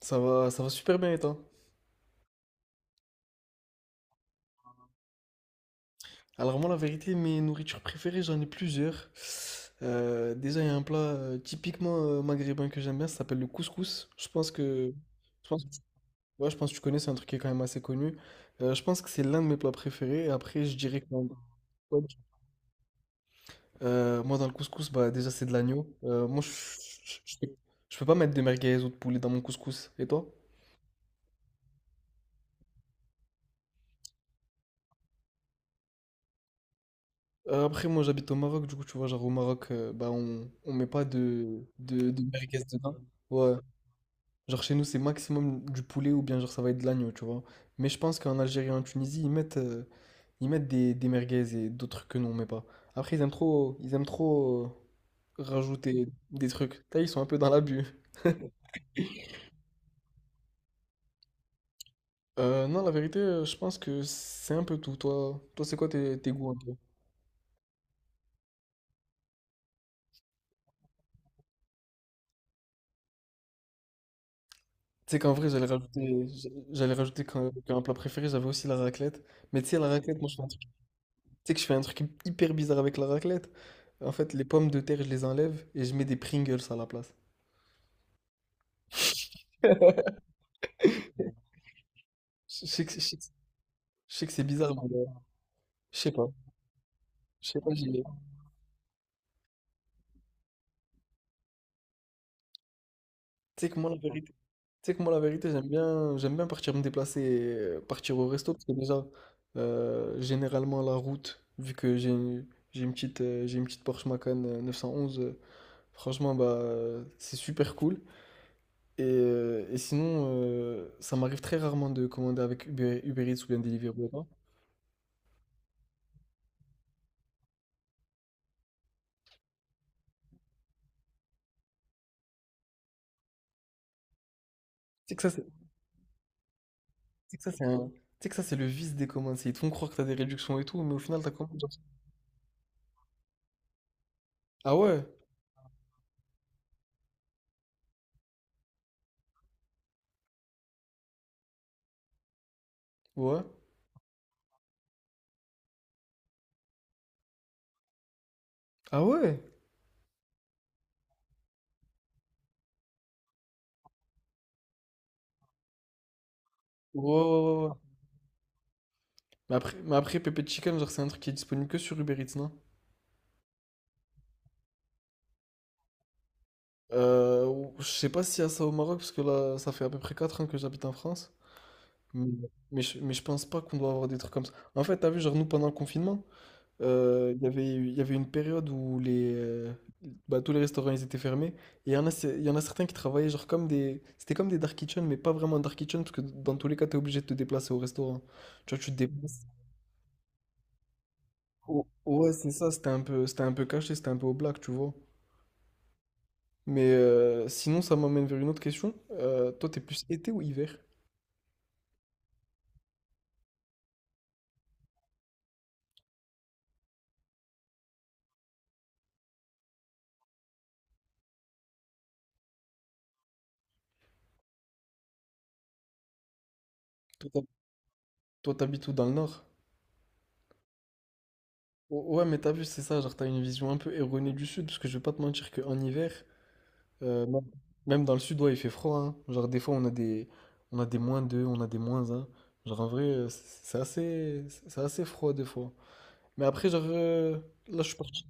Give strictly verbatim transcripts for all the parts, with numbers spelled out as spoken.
Ça va, ça va super bien et toi? Alors moi la vérité, mes nourritures préférées, j'en ai plusieurs. Euh, déjà il y a un plat euh, typiquement euh, maghrébin que j'aime bien, ça s'appelle le couscous. Je pense que, je pense, Ouais, je pense que tu connais, c'est un truc qui est quand même assez connu. Euh, je pense que c'est l'un de mes plats préférés. Et après je dirais que euh, moi, dans le couscous, bah déjà c'est de l'agneau. Euh, moi je, je, je peux je peux pas mettre de merguez ou de poulet dans mon couscous. Et toi? Euh, après, moi, j'habite au Maroc, du coup, tu vois, genre au Maroc, euh, bah, on, on met pas de, de, de, merguez dedans. Ouais. Genre chez nous, c'est maximum du poulet ou bien genre ça va être de l'agneau, tu vois. Mais je pense qu'en Algérie et en Tunisie, ils mettent, euh, ils mettent des, des merguez et d'autres trucs que nous, on met pas. Après, ils aiment trop, ils aiment trop euh, rajouter des trucs. Là, ils sont un peu dans l'abus. Euh, non, la vérité, euh, je pense que c'est un peu tout. Toi, toi, c'est quoi tes, tes goûts un peu? Tu sais qu'en vrai, j'allais rajouter, j'allais rajouter qu'un qu'un plat préféré, j'avais aussi la raclette. Mais tu sais, la raclette, moi, je fais un truc sais que je fais un truc hyper bizarre avec la raclette. En fait, les pommes de terre, je les enlève et je mets des Pringles à la place. Je sais que, je sais que- je sais que c'est bizarre, mais euh, je sais pas. Je sais pas, j'y vais. Tu sais que moi, la vérité, tu sais que moi, la vérité, j'aime bien, j'aime bien partir me déplacer, et, euh, partir au resto, parce que déjà, euh, généralement, la route, vu que j'ai une, j'ai une petite, euh, j'ai une petite Porsche Macan euh, neuf cent onze, euh, franchement, bah, euh, c'est super cool. Et, euh, et sinon, euh, ça m'arrive très rarement de commander avec Uber, Uber Eats ou bien Deliveroo. Tu sais que ça, c'est tu sais que ça, c'est un tu sais que ça, c'est le vice des communs, c'est ils te font croire que t'as des réductions et tout, mais au final, t'as as quand genre. Ah ouais? Ouais? Ah ouais? Ouais, ouais, ouais, ouais. Mais après, mais après Pepe Chicken, genre, c'est un truc qui est disponible que sur Uber Eats, non? Euh, ou- je sais pas s'il y a ça au Maroc, parce que là, ça fait à peu près quatre ans que j'habite en France. Mais, mais, je, mais je pense pas qu'on doit avoir des trucs comme ça. En fait, t'as vu, genre, nous, pendant le confinement, Euh, Il y avait, il y avait une période où les, euh, bah, tous les restaurants ils étaient fermés. Et il y en a, c'est- il y en a certains qui travaillaient genre comme des... C'était comme des dark kitchen, mais pas vraiment dark kitchen, parce que dans tous les cas, tu es obligé de te déplacer au restaurant. Tu vois, tu te déplaces. Oh, ouais, c'est ça, c'était un peu, c'était un peu caché, c'était un peu au black, tu vois. Mais euh, sinon, ça m'amène vers une autre question. Euh, toi, t'es plus été ou hiver? Toi, t'hab- toi, t'habites où dans le nord? O- Ouais, mais t'as vu, c'est ça, genre t'as une vision un peu erronée du sud, parce que je vais pas te mentir qu'en hiver. Euh, même même dans le sud, ouais, il fait froid, hein. Genre, des fois, on a des, on a des moins deux, on a des moins un. Genre, en vrai, euh, c'est c'est assez, c'est assez froid, des fois. Mais après, genre, euh, là, je suis parti.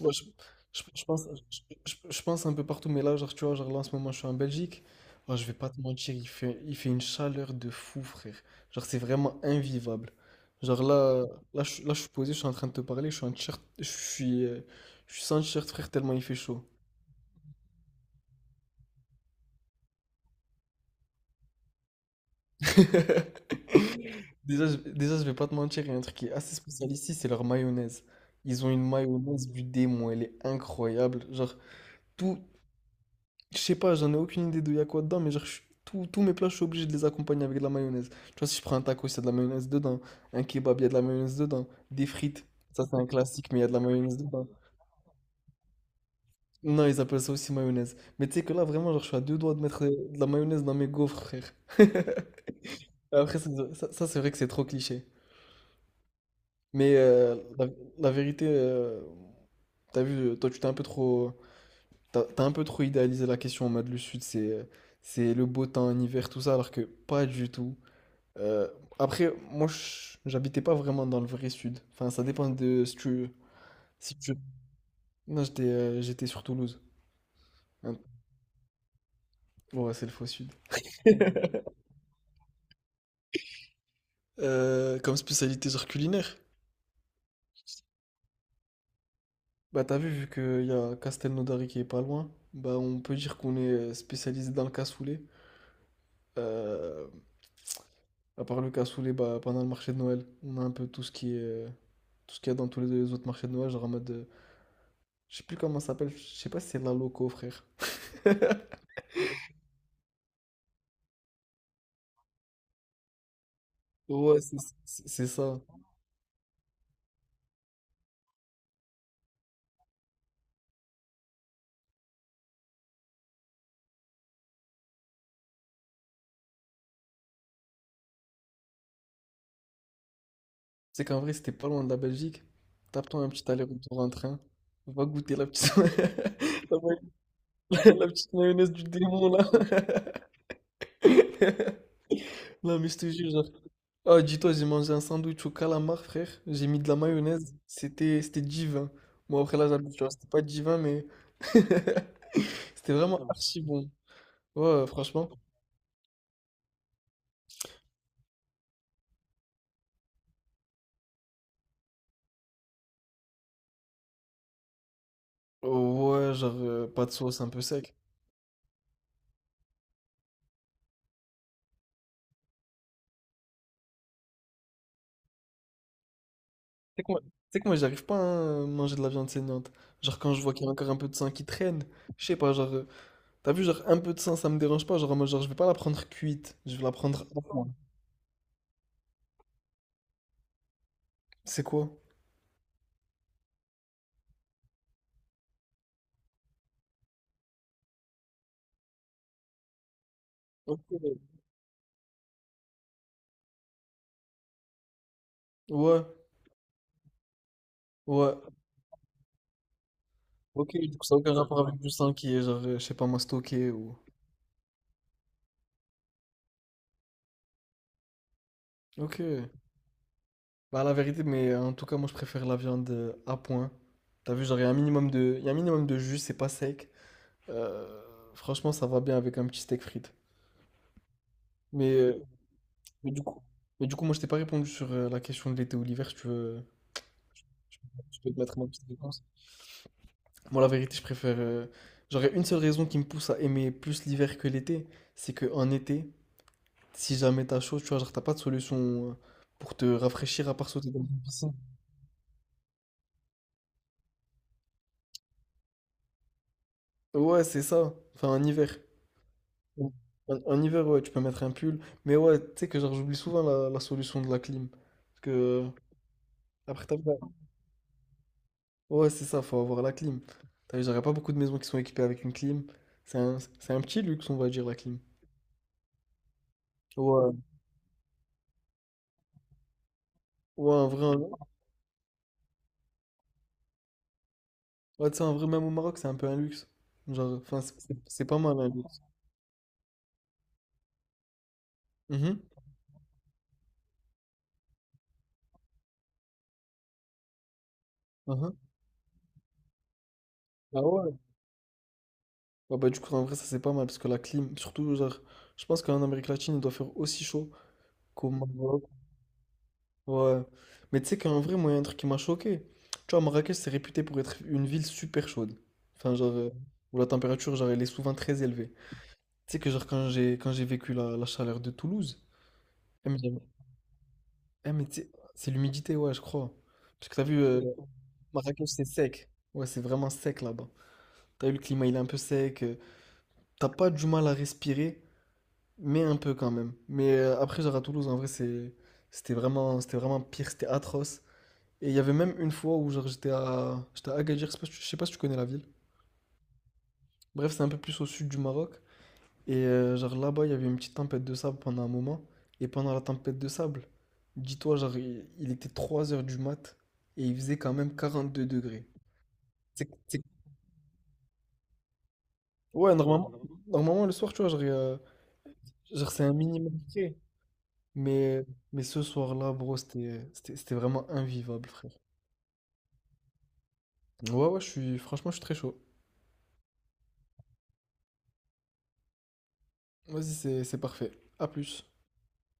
Ouais, je, je- je pense, je, je- je pense un peu partout, mais là, genre, tu vois, genre, là, en ce moment, je suis en Belgique. Oh, je vais pas te mentir, il fait, il fait une chaleur de fou, frère. Genre, c'est vraiment invivable. Genre, là, là, je, là, je suis posé, je suis en train de te parler, je suis en t-shirt, je suis, euh, je suis sans t-shirt, frère, tellement il fait chaud. Déjà, je, déjà, je vais pas te mentir, il y a un truc qui est assez spécial ici, c'est leur mayonnaise. Ils ont une mayonnaise du démon, elle est incroyable. Genre, tout, je sais pas, j'en ai aucune idée de y a quoi dedans, mais genre, je suis- tout- tous mes plats, je suis obligé de les accompagner avec de la mayonnaise. Tu vois, si je prends un taco, il y a de la mayonnaise dedans. Un kebab, il y a de la mayonnaise dedans. Des frites, ça c'est un classique, mais il y a de la mayonnaise dedans. Non, ils appellent ça aussi mayonnaise. Mais tu sais que là, vraiment, genre, je suis à deux doigts de mettre de la mayonnaise dans mes gaufres, frère. Après, ça, ça ça, c'est vrai que c'est trop cliché. Mais euh, la, la vérité, euh, t'as vu, euh, toi tu t'es un peu trop, t'as, t'as un peu trop idéalisé la question en mode le sud, c'est, euh, c'est le beau temps, en hiver, tout ça, alors que pas du tout. Euh, Après, moi je- j'habitais pas vraiment dans le vrai sud. Enfin, ça dépend de si tu, si tu. Non, j'étais, euh, j'étais sur Toulouse. Hein. Ouais, c'est le faux sud. Euh, comme spécialité genre culinaire, bah t'as vu, vu qu'il y a Castelnaudary qui est pas loin, bah on peut dire qu'on est euh, spécialisé dans le cassoulet. Euh, À part le cassoulet, bah, pendant le marché de Noël, on a un peu tout ce qui est, euh, tout ce qu'il y a dans tous les les autres marchés de Noël, genre en mode, euh, je sais plus comment ça s'appelle, je sais pas si c'est de la loco, frère. Ouais, c'est c'est- c'est ça. C'est qu'en vrai, c'était pas loin de la Belgique. Tape-toi un petit aller-retour en train. Va goûter la petite, la, ma- la petite mayonnaise du démon, là. Non, mais je te jure, genre. Ah, dis-toi, j'ai mangé un sandwich au calamar, frère. J'ai mis de la mayonnaise. C'était c'était divin. Bon, après, là, j'abuse, tu vois, c'était pas divin, mais c'était vraiment archi bon. Ouais, ouais, franchement. Ouais, genre, euh, pas de sauce, un peu sec. C'est que moi, tu sais que moi, j'arrive pas hein, à euh, manger de la viande saignante. Genre, quand je vois qu'il y a encore un peu de sang qui traîne, je sais pas, genre, euh, t'as vu, genre, un peu de sang, ça me dérange pas. Genre, en mode, genre, je vais pas la prendre cuite, je vais la prendre. C'est quoi? Ok. Ouais, ouais. Ok, du coup, ça n'a aucun rapport avec du sang qui est, genre, euh, je sais pas, moi, stocké ou. Ok. Bah, la vérité, mais euh, en tout cas, moi, je préfère la viande euh, à point. T'as vu, genre, il y a un minimum de, il y a un minimum de jus, c'est pas sec. Euh, Franchement, ça va bien avec un petit steak frites. Mais, euh, mais du coup, mais du coup, moi, je t'ai pas répondu sur euh, la question de l'été ou l'hiver. Si tu veux, tu peux tu peux te mettre ma petite réponse. Moi, la vérité, je préfère. euh, J'aurais une seule raison qui me pousse à aimer plus l'hiver que l'été, c'est que en été, si jamais t'as chaud, tu vois, genre t'as pas de solution euh, pour te rafraîchir à part sauter dans une piscine. Ouais, c'est ça. Enfin, en hiver. En, en- en hiver, ouais, tu peux mettre un pull. Mais ouais, tu sais que genre j'oublie souvent la, la solution de la clim. Parce que euh, après, t'as vu, ouais, c'est ça, faut avoir la clim. T'as vu, j'aurais pas beaucoup de maisons qui sont équipées avec une clim. C'est un, c'est un petit luxe, on va dire, la clim. Ouais. Ouais, un vrai, un- ouais, tu sais, en vrai, même au Maroc, c'est un peu un luxe. Genre, enfin, c'est c'est- c'est pas mal un luxe. Mhm, mhm. Ah ouais? Ouais, bah, du coup, en vrai, ça c'est pas mal parce que la clim, surtout, genre, je pense qu'en Amérique latine, il doit faire aussi chaud qu'au Maroc. Ouais. Mais tu sais qu'en vrai, moi, il y a un truc qui m'a choqué. Tu vois, Marrakech, c'est réputé pour être une ville super chaude. Enfin, genre, euh, où la température, genre, elle est souvent très élevée. Tu sais que genre quand j'ai quand j'ai vécu la, la chaleur de Toulouse, eh mais, j'avais- eh, mais tu sais, c'est l'humidité, ouais, je crois. Parce que t'as vu, euh, Marrakech, c'est sec. Ouais, c'est vraiment sec là-bas. T'as vu, le climat, il est un peu sec. euh, T'as pas du mal à respirer, mais un peu quand même. Mais euh, après, genre à Toulouse, en vrai, c'est, c'était vraiment, c'était vraiment pire, c'était atroce. Et il y avait même une fois où genre j'étais à, j'étais à Agadir, je sais pas si tu je sais pas si tu connais la ville. Bref, c'est un peu plus au sud du Maroc. Et euh, genre là-bas, il y avait une petite tempête de sable pendant un moment. Et pendant la tempête de sable, dis-toi, genre, il, il était trois heures du mat et il faisait quand même quarante-deux degrés. C'est- c'est- Ouais, normalement, normalement, le soir, tu vois, genre, euh, genre, c'est un minimum de degrés. Mais, mais ce soir-là, bro, c'était, c'était, c'était vraiment invivable, frère. Ouais, ouais, je suis, franchement, je suis très chaud. Vas-y, c'est, c'est parfait. À plus.